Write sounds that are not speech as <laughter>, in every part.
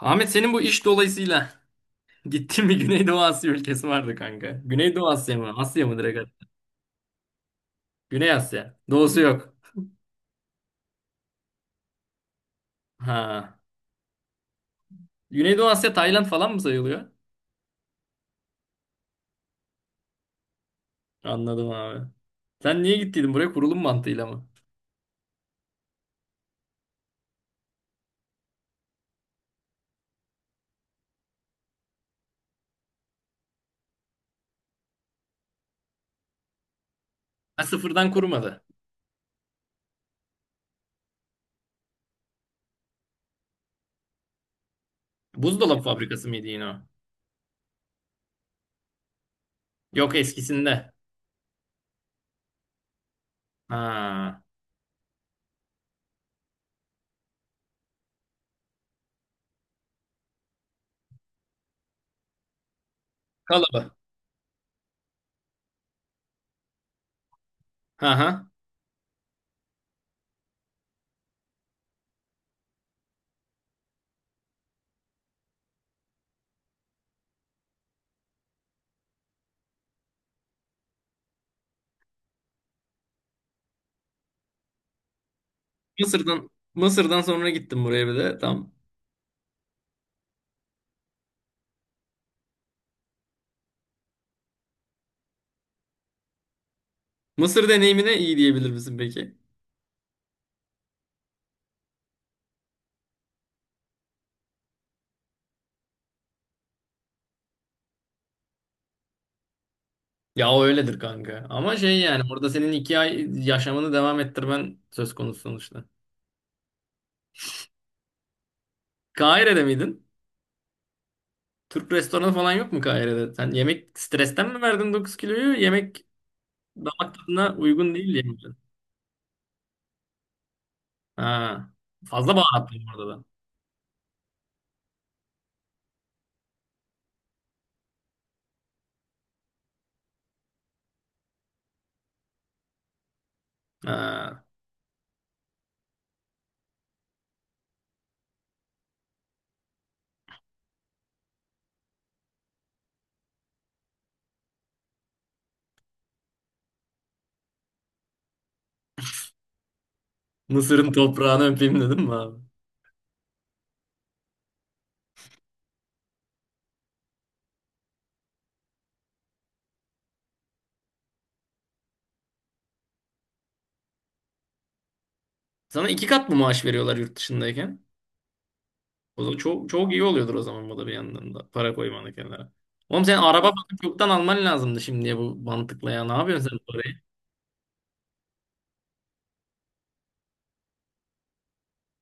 Ahmet, senin bu iş dolayısıyla <laughs> gittin mi? Güneydoğu Asya ülkesi vardı kanka. Güneydoğu Asya mı? Asya mı direkt? Güney Asya. Doğusu yok. Ha. Güneydoğu Asya Tayland falan mı sayılıyor? Anladım abi. Sen niye gittiydin buraya, kurulum mantığıyla mı? Ha, sıfırdan kurmadı. Buzdolabı fabrikası mıydı yine o? Yok, eskisinde. Ha. Kalaba. Ha ha. Mısır'dan Mısır'dan sonra gittim buraya bir de. Tam. Mısır deneyimine iyi diyebilir misin peki? Ya o öyledir kanka. Ama şey yani orada senin 2 ay yaşamını devam ettirmen söz konusu sonuçta. Kahire'de miydin? Türk restoranı falan yok mu Kahire'de? Sen yemek stresten mi verdin 9 kiloyu? Yemek damak tadına uygun değil yemişsin. Ha. Fazla baharatlıyım orada da. Ha. Mısır'ın toprağını öpeyim dedim mi abi? Sana 2 kat mı maaş veriyorlar yurt dışındayken? O zaman çok, çok iyi oluyordur o zaman, bu da bir yandan da. Para koymanı kenara. Oğlum sen araba bakıp yoktan alman lazımdı şimdiye bu mantıkla ya. Ne yapıyorsun sen parayı?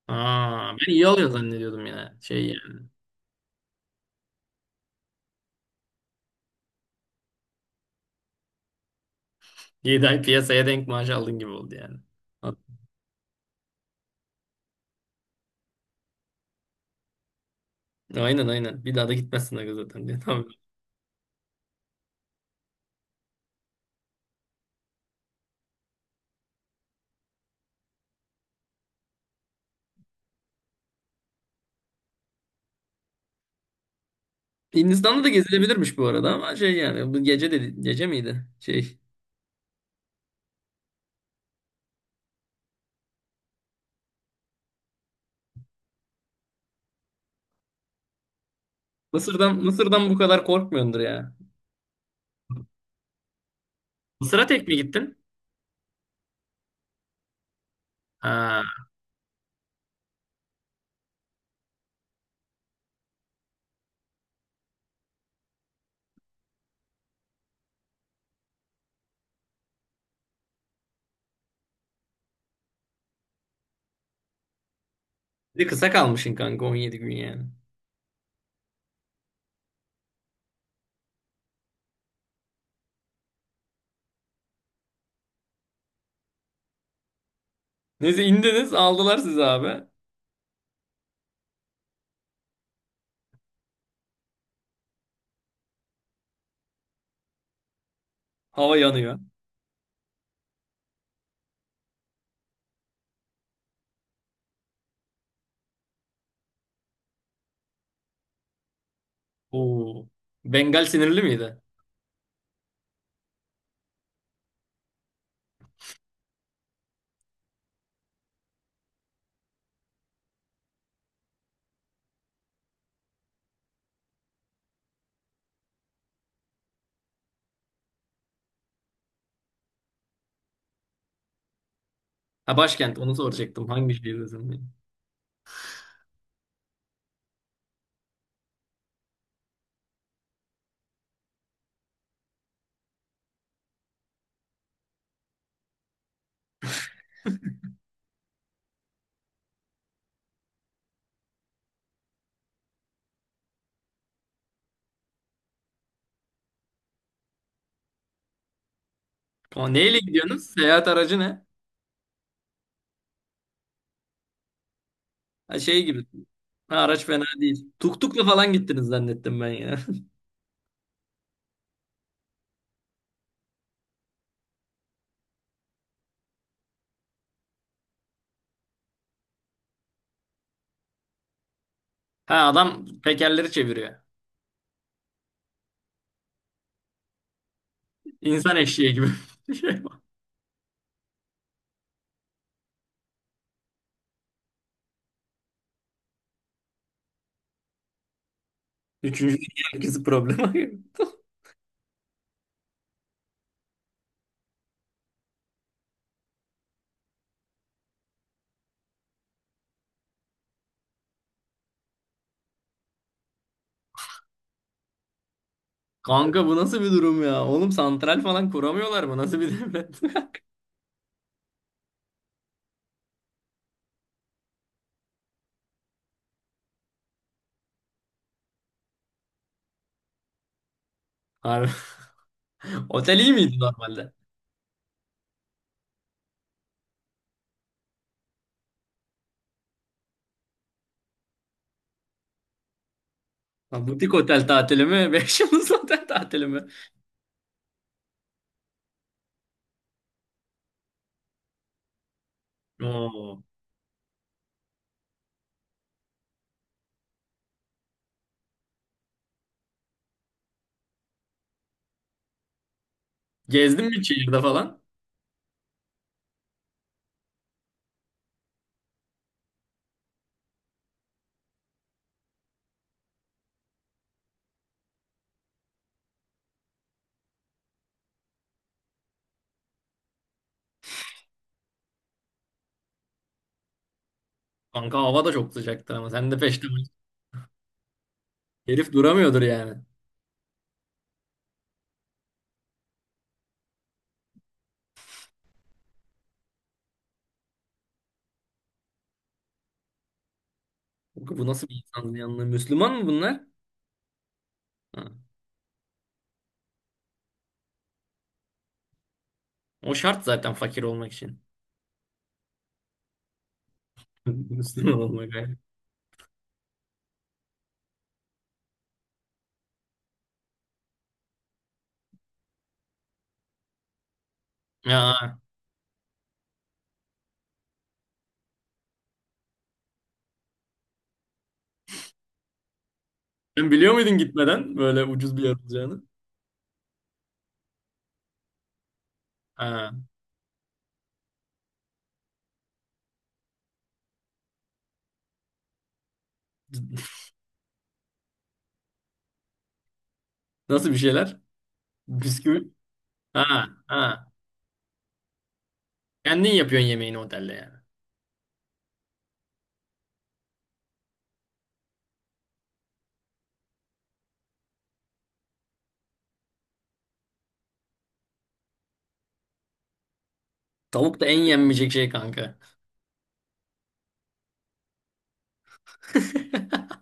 Aa, ben iyi alıyor zannediyordum ya. Şey yani. 7 ay piyasaya denk maaş aldın gibi oldu yani. A- Aynen aynen. Bir daha da gitmezsin aga zaten diye. <laughs> Tamam. Hindistan'da da gezilebilirmiş bu arada, ama şey yani bu gece de gece miydi? Şey. Mısır'dan bu kadar korkmuyordur ya. Mısır'a tek mi gittin? Ha. Bir de kısa kalmışsın kanka, 17 gün yani. Neyse indiniz aldılar sizi abi. Hava yanıyor. Oo. Bengal sinirli miydi? Ha, başkent onu soracaktım. Hangi şehirdesin, diye. Ama neyle gidiyorsunuz? Seyahat aracı ne? Ha, şey gibi. Ha, araç fena değil. Tuk tukla falan gittiniz zannettim ben ya. <laughs> Ha, adam tekerleri çeviriyor. İnsan eşeği gibi. <laughs> Şey var. Üçüncü herkesi problemi. <laughs> Kanka bu nasıl bir durum ya? Oğlum santral falan kuramıyorlar mı? Nasıl bir devlet? <laughs> Abi, otel iyi miydi normalde? Ha, butik otel tatili mi? <laughs> Beş yıldız otel tatili mi? Oo. Gezdin mi şehirde falan? Kanka hava da çok sıcaktır ama sen de peştemal. Herif duramıyordur yani. Bu nasıl bir insan yanına? Müslüman mı bunlar? Ha. O şart zaten fakir olmak için. <laughs> Müslüman olmak. Olmak yani. Aa, sen biliyor muydun gitmeden böyle ucuz bir yer olacağını? Aa. Nasıl bir şeyler? Bisküvi. Ha, ha. Kendin yapıyorsun yemeğini otelde yani. Tavuk da en yenmeyecek şey kanka. <laughs>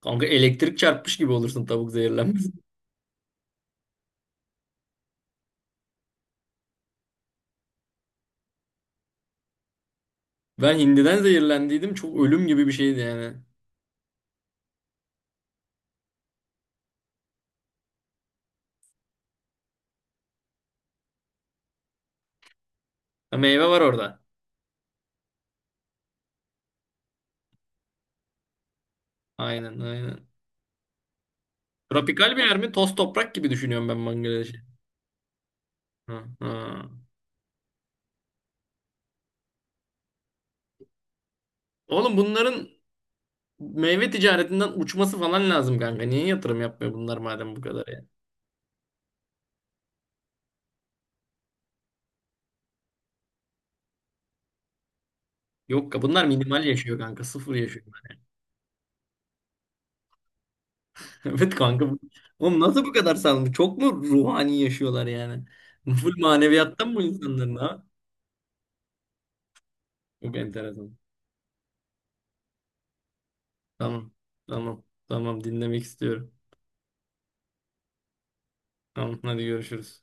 Kanka elektrik çarpmış gibi olursun tavuk zehirlenmesi. <laughs> Ben hindiden zehirlendiydim. Çok ölüm gibi bir şeydi yani. Ha, meyve var orada. Aynen aynen. Tropikal bir yer mi? Toz toprak gibi düşünüyorum ben Bangladeş'i. Ha, ha. Oğlum bunların meyve ticaretinden uçması falan lazım kanka. Niye yatırım yapmıyor bunlar madem bu kadar ya? Yok ka bunlar minimal yaşıyor kanka. Sıfır yaşıyor. <laughs> Evet kanka. Oğlum nasıl bu kadar sağlam? Çok mu ruhani yaşıyorlar yani? Full maneviyattan mı bu insanların, ha? Çok enteresan. Tamam. Tamam. Tamam, dinlemek istiyorum. Tamam, hadi görüşürüz.